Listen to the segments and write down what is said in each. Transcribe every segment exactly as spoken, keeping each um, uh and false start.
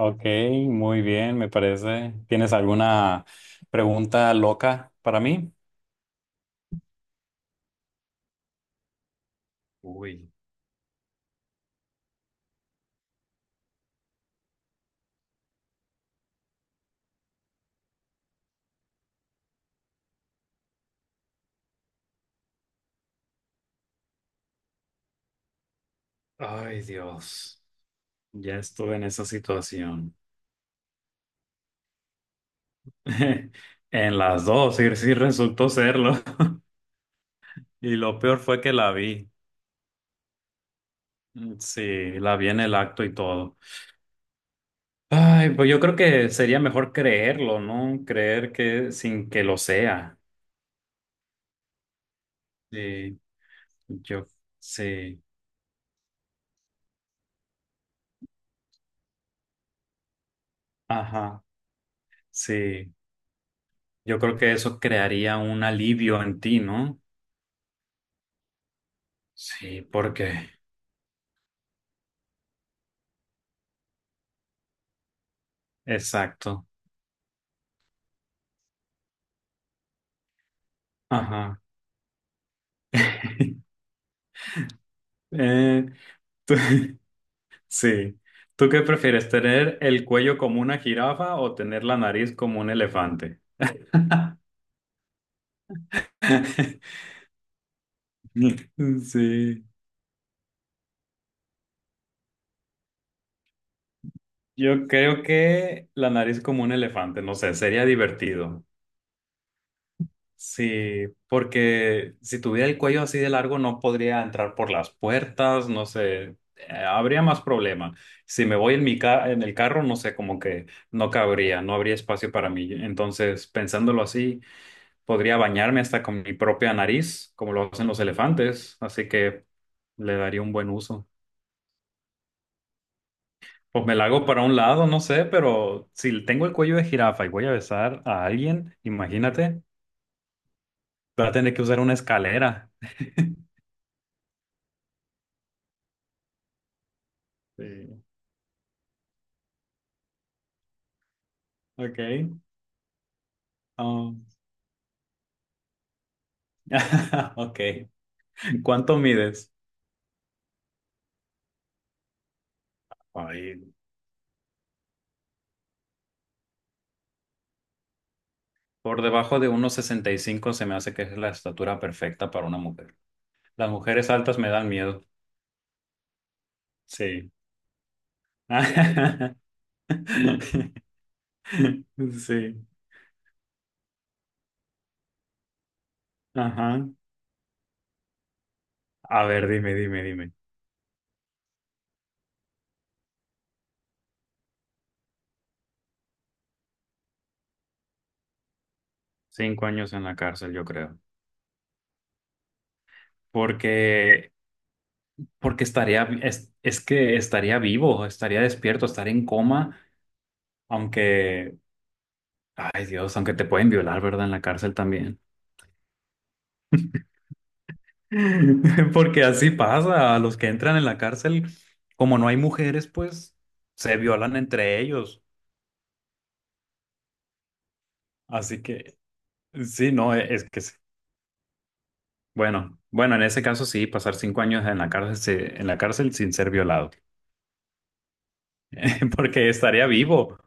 Ok, muy bien, me parece. ¿Tienes alguna pregunta loca para mí? Uy, ay Dios, ya estuve en esa situación. En las dos, y sí resultó serlo. Y lo peor fue que la vi. Mm, sí, la vi en el acto y todo. Ay, pues yo creo que sería mejor creerlo, ¿no? Creer que sin que lo sea. Sí, yo, sí, ajá, sí. Yo creo que eso crearía un alivio en ti, ¿no? Sí, porque. Exacto. Ajá. Eh, tú- sí. ¿Tú qué prefieres, tener el cuello como una jirafa o tener la nariz como un elefante? Sí. Yo creo que la nariz como un elefante, no sé, sería divertido. Sí, porque si tuviera el cuello así de largo no podría entrar por las puertas, no sé, eh, habría más problema. Si me voy en mi ca- en el carro, no sé, como que no cabría, no habría espacio para mí. Entonces, pensándolo así, podría bañarme hasta con mi propia nariz, como lo hacen los elefantes, así que le daría un buen uso. Pues me la hago para un lado, no sé, pero si tengo el cuello de jirafa y voy a besar a alguien, imagínate, voy a tener que usar una escalera. Sí. Okay. Um, okay. ¿Cuánto mides? Ay, por debajo de uno sesenta y cinco se me hace que es la estatura perfecta para una mujer. Las mujeres altas me dan miedo. Sí. Sí. Ajá. A ver, dime, dime, dime. Cinco años en la cárcel, yo creo. Porque, porque estaría, es, es que estaría vivo, estaría despierto, estaría en coma, aunque, ay Dios, aunque te pueden violar, ¿verdad? En la cárcel también. Porque así pasa, a los que entran en la cárcel, como no hay mujeres, pues se violan entre ellos. Así que sí, no, e- es que sí. Bueno, bueno, en ese caso sí, pasar cinco años en la cárcel, se- en la cárcel sin ser violado, porque estaría vivo.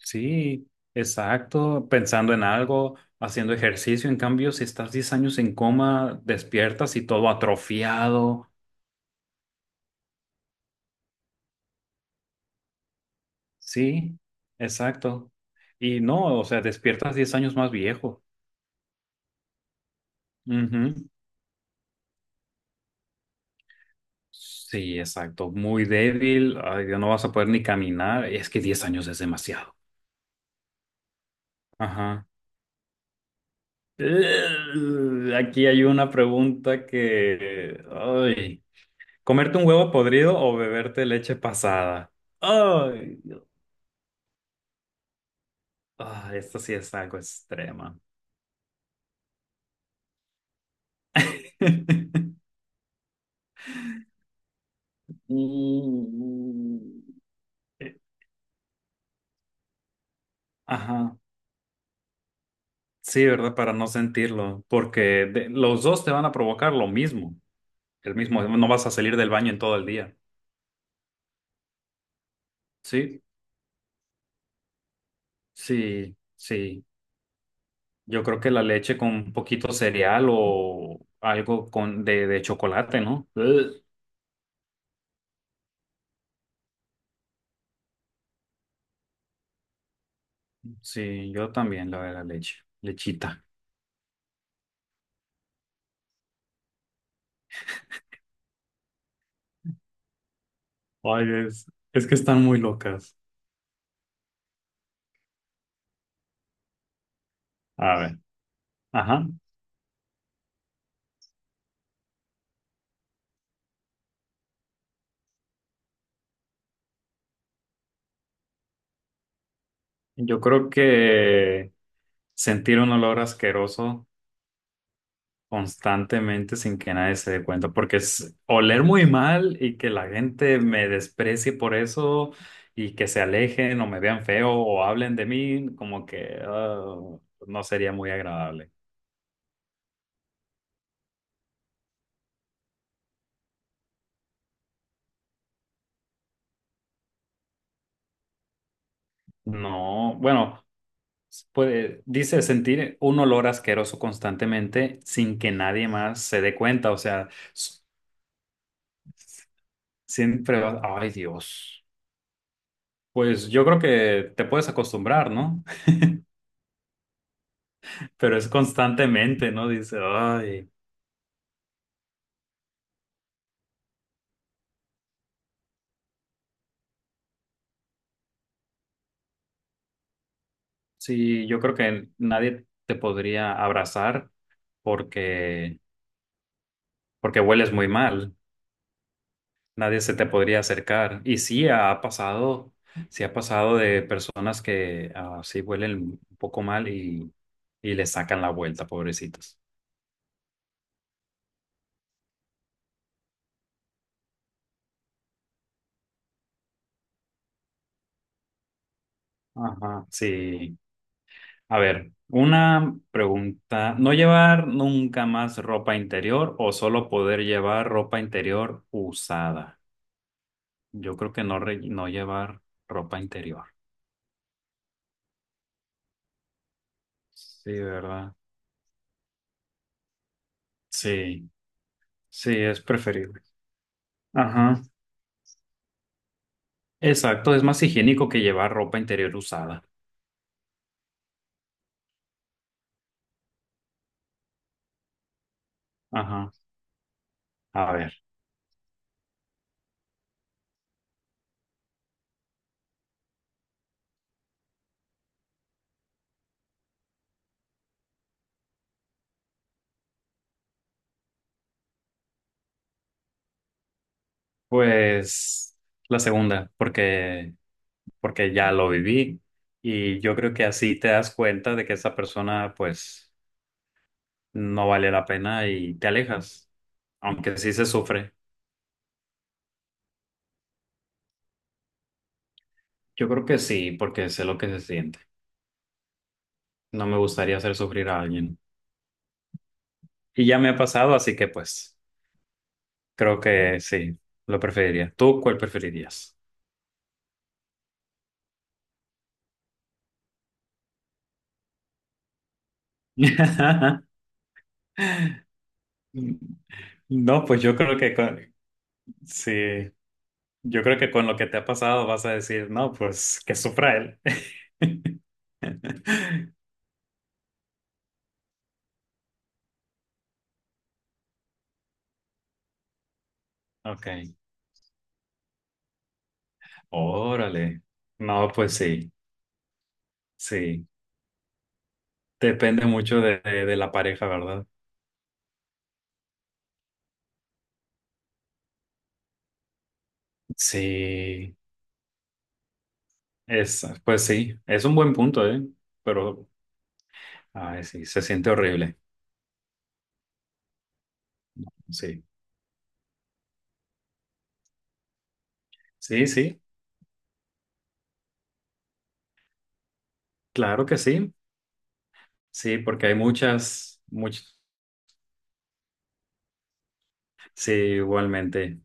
Sí, exacto, pensando en algo, haciendo ejercicio. En cambio, si estás diez años en coma, despiertas y todo atrofiado. Sí, exacto. Y no, o sea, despiertas diez años más viejo. Ujú. Sí, exacto. Muy débil. Ay, Dios, no vas a poder ni caminar. Es que diez años es demasiado. Ajá. Eh, aquí hay una pregunta que... Ay. ¿Comerte un huevo podrido o beberte leche pasada? Ay, Dios. Ah, esto sí es algo extrema. Mm. Ajá. Sí, ¿verdad? Para no sentirlo. Porque de- los dos te van a provocar lo mismo. El mismo. No vas a salir del baño en todo el día. Sí, sí, sí. Yo creo que la leche con un poquito cereal o algo con de, de chocolate, ¿no? Ugh. Sí, yo también la de la leche, lechita. Ay, es, es que están muy locas. A ver, ajá. Yo creo que sentir un olor asqueroso constantemente sin que nadie se dé cuenta, porque es oler muy mal y que la gente me desprecie por eso y que se alejen o me vean feo o hablen de mí, como que ah, no sería muy agradable. No, bueno, puede, dice sentir un olor asqueroso constantemente sin que nadie más se dé cuenta, o sea, s- siempre vas, ay Dios. Pues yo creo que te puedes acostumbrar, ¿no? Pero es constantemente, ¿no? Dice, ay. Sí, yo creo que nadie te podría abrazar porque, porque hueles muy mal. Nadie se te podría acercar. Y sí ha pasado, sí ha pasado de personas que ah, sí huelen un poco mal y, y le sacan la vuelta, pobrecitos. Ajá, sí. A ver, una pregunta. ¿No llevar nunca más ropa interior o solo poder llevar ropa interior usada? Yo creo que no, re- no llevar ropa interior. Sí, ¿verdad? Sí, sí, es preferible. Ajá, exacto, es más higiénico que llevar ropa interior usada. Ajá, a ver, pues la segunda, porque, porque ya lo viví y yo creo que así te das cuenta de que esa persona pues no vale la pena y te alejas, aunque sí se sufre. Yo creo que sí, porque sé lo que se siente. No me gustaría hacer sufrir a alguien. Y ya me ha pasado, así que pues... Creo que sí, lo preferiría. ¿Tú cuál preferirías? No, pues yo creo que con, sí, yo creo que con lo que te ha pasado vas a decir, no, pues que sufra él. Ok, órale. No, pues sí, sí. Depende mucho de, de- de la pareja, ¿verdad? Sí, es, pues sí, es un buen punto, ¿eh? Pero, ay, sí, se siente horrible. Sí, sí, sí, claro que sí. Sí, porque hay muchas, muchas. Sí, igualmente.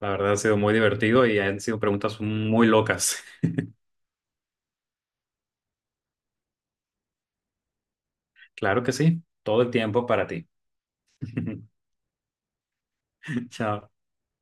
La verdad ha sido muy divertido y han sido preguntas muy locas. Claro que sí, todo el tiempo para ti. Chao.